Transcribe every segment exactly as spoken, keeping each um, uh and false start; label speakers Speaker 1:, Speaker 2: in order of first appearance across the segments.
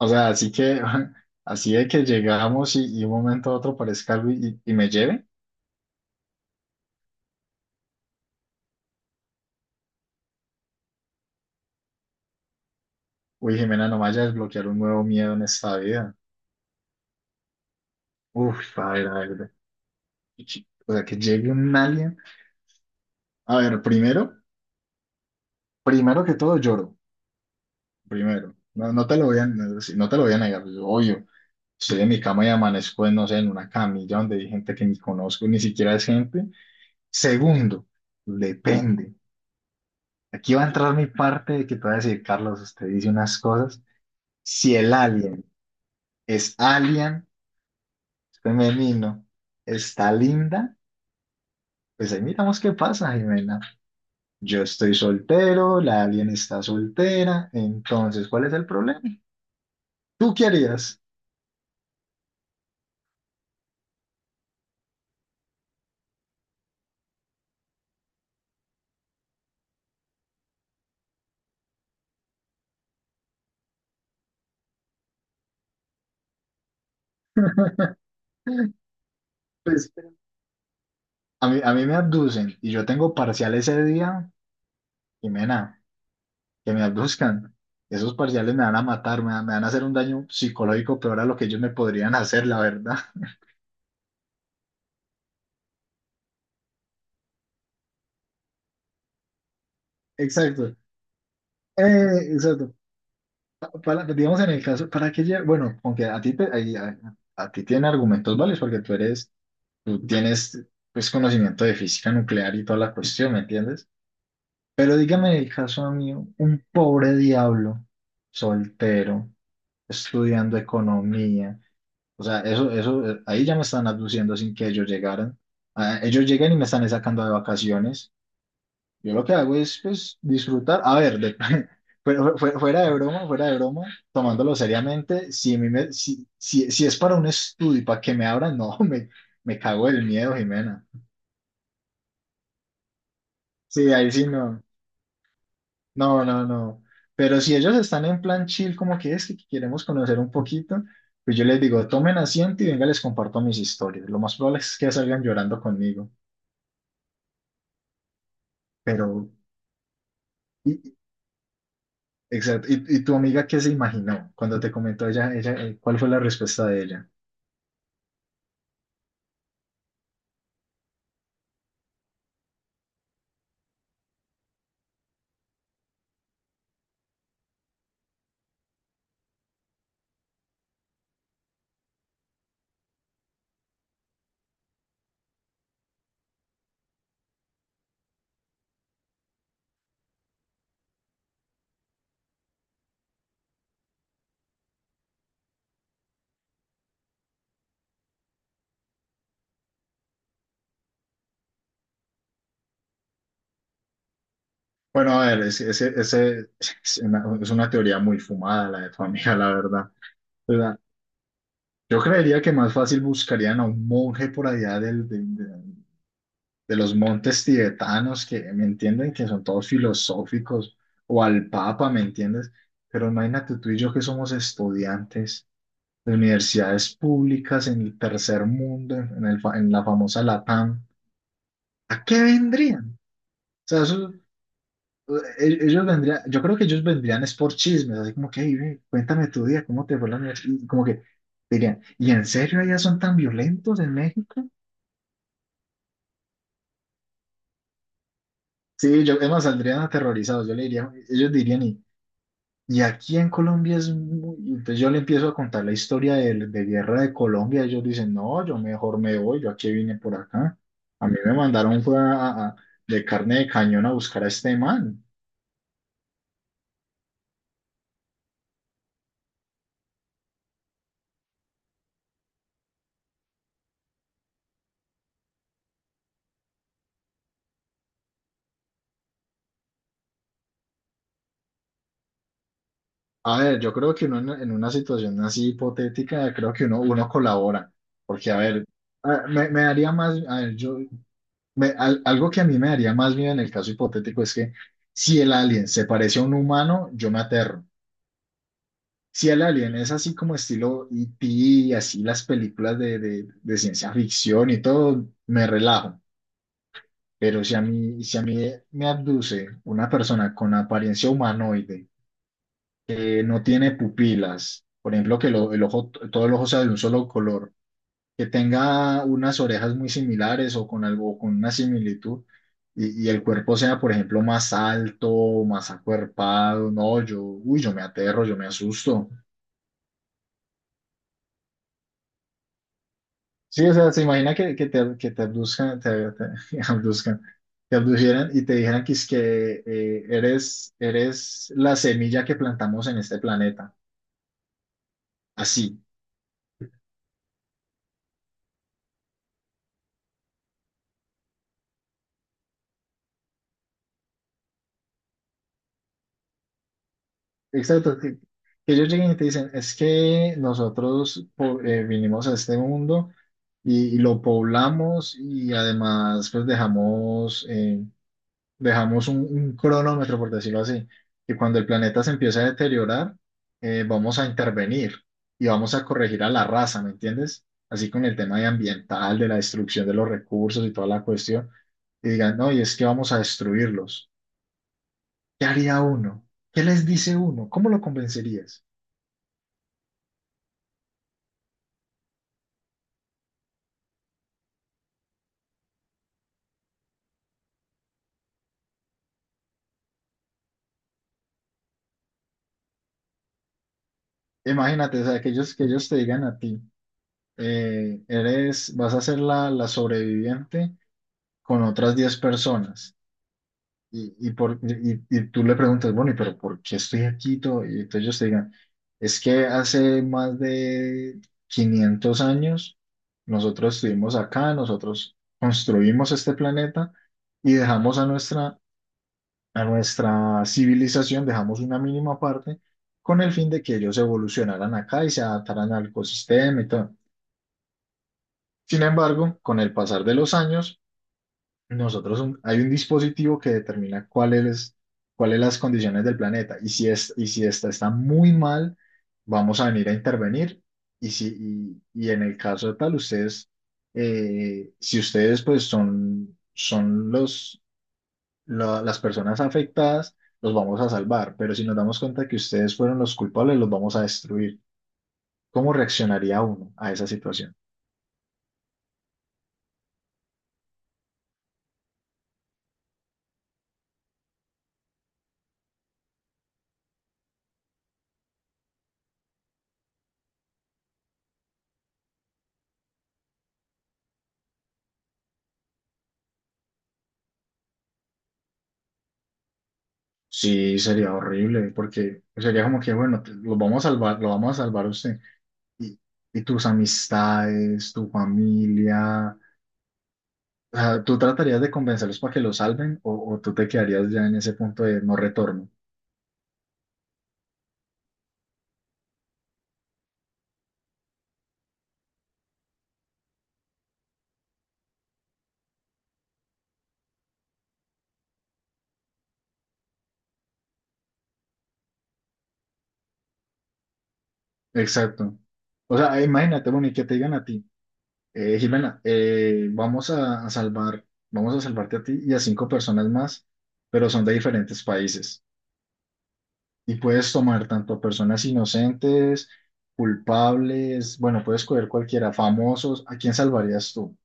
Speaker 1: O sea, así que, así de que llegamos y, y un momento a otro parezca algo y, y me lleve. Uy, Jimena, no vaya a desbloquear un nuevo miedo en esta vida. Uf, a ver, a ver. O sea, que llegue un alien. A ver, primero, primero que todo lloro. Primero. No, no te lo voy a, no, sí, no te lo voy a negar. Yo, obvio, estoy en mi cama y amanezco, en, no sé, en una camilla donde hay gente que ni conozco, ni siquiera es gente. Segundo, depende. Aquí va a entrar mi parte de que te voy a decir, Carlos, usted dice unas cosas. Si el alien es alien, femenino, está linda, pues ahí miramos qué pasa, Jimena. Yo estoy soltero, la alien está soltera, entonces, ¿cuál es el problema? ¿Tú qué harías? Pues a mí, a mí me abducen y yo tengo parcial ese día, Jimena, que me abduzcan. Esos parciales me van a matar, me, van- me van a hacer un daño psicológico peor a lo que ellos me podrían hacer, la verdad. Exacto. Eh, exacto. Para, digamos en el caso, ¿para qué lle- Bueno, aunque a ti, te- ahí- a, a ti tiene argumentos válidos porque tú eres, tú tienes pues conocimiento de física nuclear y toda la cuestión, ¿me entiendes? Pero dígame en el caso mío, un pobre diablo, soltero, estudiando economía, o sea, eso, eso, eh, ahí ya me están abduciendo sin que ellos llegaran. Ah, ellos llegan y me están sacando de vacaciones. Yo lo que hago es, pues, disfrutar. A ver, de- fuera, fuera- fuera de broma, fuera de broma, tomándolo seriamente, si, a mí me- si, si, si es para un estudio y para que me abran, no, me, me cago del miedo, Jimena. Sí, ahí sí no. No, no, no. Pero si ellos están en plan chill, como que es que queremos conocer un poquito, pues yo les digo, tomen asiento y venga, les comparto mis historias. Lo más probable es que salgan llorando conmigo. Pero, y, exacto. ¿Y, y tu amiga qué se imaginó cuando te comentó ella, ella, eh, cuál fue la respuesta de ella? Bueno, a ver, es, ese ese- es una, es una teoría muy fumada la de tu amiga, la verdad. O sea, yo creería que más fácil buscarían a un monje por allá del, de, de- de los montes tibetanos, que me entienden que son todos filosóficos, o al papa, ¿me entiendes? Pero imagínate tú y yo que somos estudiantes de universidades públicas en el tercer mundo, en, el, fa- en la famosa L A T A M, ¿a qué vendrían? O sea, eso e- ellos vendrían, yo creo que ellos vendrían es por chismes, así como que, "Ey, ve, cuéntame tu día, ¿cómo te fue la universidad?" Y como que dirían, ¿y en serio allá son tan violentos en México? Sí, yo, además saldrían aterrorizados, yo le diría, ellos dirían, y, y aquí en Colombia es muy... Y entonces yo le empiezo a contar la historia de, de guerra de Colombia, ellos dicen, no, yo mejor me voy, yo aquí vine por acá. A mí me mandaron fue a- a- a- de carne de cañón a buscar a este man. A ver, yo creo que uno en, en una situación así hipotética, creo que uno, uno colabora, porque a ver, a- me, me daría más, a ver, yo, me- al- algo que a mí me daría más miedo en el caso hipotético es que si el alien se parece a un humano, yo me aterro. Si el alien es así como estilo E T, así las películas de, de, de ciencia ficción y todo, me relajo. Pero si a mí, si a mí me abduce una persona con apariencia humanoide, que no tiene pupilas, por ejemplo, que lo- el ojo, todo el ojo sea de un solo color, que tenga unas orejas muy similares o con algo, con una similitud, y, y el cuerpo sea, por ejemplo, más alto, más acuerpado, no, yo, uy, yo me aterro, yo me asusto. Sí, o sea, se imagina que, que te, que te abduzcan, te, te abduzcan, te abdujeran y te dijeran que es que eh, eres, eres la semilla que plantamos en este planeta. Así. Exacto, que, que ellos lleguen y te dicen, es que nosotros po- eh, vinimos a este mundo y, y lo poblamos y además pues dejamos, eh, dejamos un, un cronómetro, por decirlo así, que cuando el planeta se empieza a deteriorar, eh, vamos a intervenir y vamos a corregir a la raza, ¿me entiendes? Así con el tema de ambiental, de la destrucción de los recursos y toda la cuestión, y digan, no, y es que vamos a destruirlos. ¿Qué haría uno? ¿Qué les dice uno? ¿Cómo lo convencerías? Imagínate, o sea, que ellos, que ellos te digan a ti, eh, eres, vas a ser la, la sobreviviente con otras diez personas. Y, y, por, y, y tú le preguntas, bueno, ¿y pero por qué estoy aquí? Todo?". Y entonces ellos te digan, es que hace más de quinientos años nosotros estuvimos acá, nosotros construimos este planeta y dejamos a nuestra a nuestra civilización, dejamos una mínima parte con el fin de que ellos evolucionaran acá y se adaptaran al ecosistema y todo. Sin embargo, con el pasar de los años, nosotros un- hay un dispositivo que determina cuáles cuáles las condiciones del planeta y si es y si esta está muy mal, vamos a venir a intervenir y si y, y en el caso de tal ustedes eh, si ustedes pues son son los la- las personas afectadas, los vamos a salvar, pero si nos damos cuenta que ustedes fueron los culpables, los vamos a destruir. ¿Cómo reaccionaría uno a esa situación? Sí, sería horrible, porque sería como que, bueno, te- los vamos a salvar, lo vamos a salvar a usted. Y, y tus amistades, tu familia, o sea, ¿tú tratarías de convencerlos para que lo salven o, o tú te quedarías ya en ese punto de no retorno? Exacto. O sea, imagínate, bueno, y que te digan a ti. Eh, Jimena, eh, vamos a, a salvar, vamos a salvarte a ti y a cinco personas más, pero son de diferentes países. Y puedes tomar tanto a personas inocentes, culpables, bueno, puedes coger cualquiera, famosos. ¿A quién salvarías tú?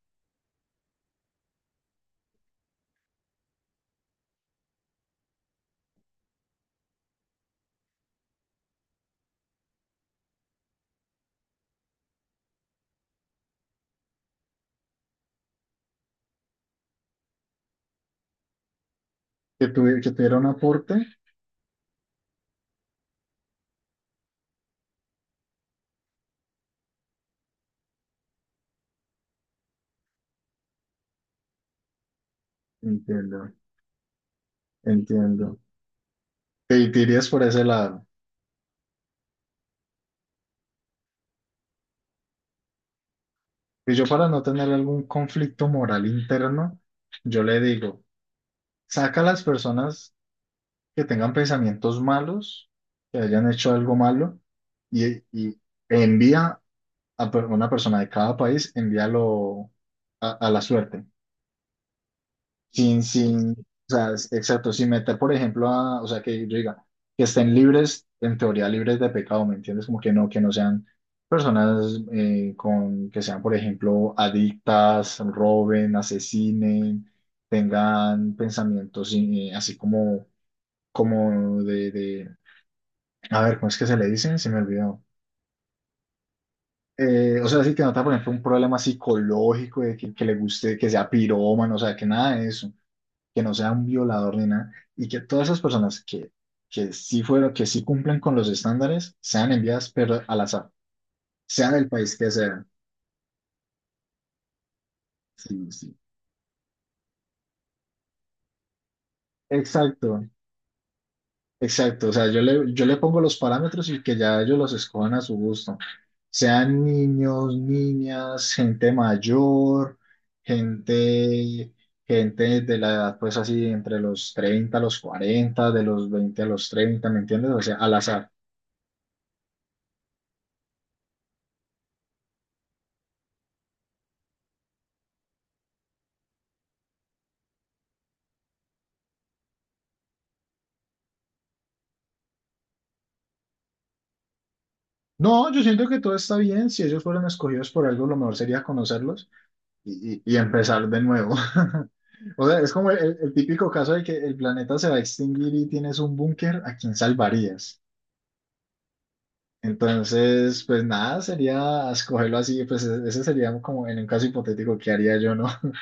Speaker 1: Que, tuvi- que tuviera un aporte. Entiendo, entiendo. Te, te irías por ese lado. Y yo para no tener algún conflicto moral interno, yo le digo, saca a las personas que tengan pensamientos malos, que hayan hecho algo malo, y, y envía a per- una persona de cada país, envíalo a, a la suerte, sin, sin, o sea, es- exacto, sin meter, por ejemplo, a, o sea, que yo diga, que estén libres, en teoría libres de pecado, ¿me entiendes? Como que no, que no sean personas eh, con, que sean, por ejemplo, adictas, roben, asesinen, tengan pensamientos eh, así como como de, de a ver, ¿cómo es que se le dicen? Se me olvidó. Eh, o sea, sí que nota, por ejemplo, un problema psicológico de que, que le guste, que sea pirómano, o sea, que nada de eso, que no sea un violador ni nada, y que todas esas personas que, que sí fueron, que sí cumplen con los estándares, sean enviadas, pero al azar, sea del país que sea. Sí, sí. Exacto. Exacto, o sea, yo le, yo le pongo los parámetros y que ya ellos los escojan a su gusto. Sean niños, niñas, gente mayor, gente, gente de la edad, pues así, entre los treinta, a los cuarenta, de los veinte a los treinta, ¿me entiendes? O sea, al azar. No, yo siento que todo está bien. Si ellos fueron escogidos por algo, lo mejor sería conocerlos y, y- y empezar de nuevo. O sea, es como el, el típico caso de que el planeta se va a extinguir y tienes un búnker, ¿a quién salvarías? Entonces, pues nada, sería escogerlo así, pues e- ese sería como en un caso hipotético que haría yo, ¿no?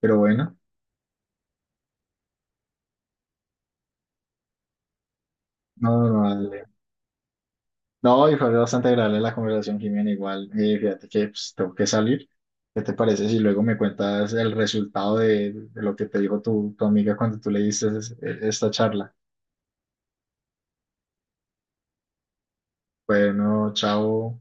Speaker 1: Pero bueno, no, no, dale. No, y fue bastante agradable la conversación, Jimena, igual. eh, fíjate que pues, tengo que salir. ¿Qué te parece si luego me cuentas el resultado de, de lo que te dijo tu, tu amiga cuando tú le diste es- e-, esta charla? Bueno, chao.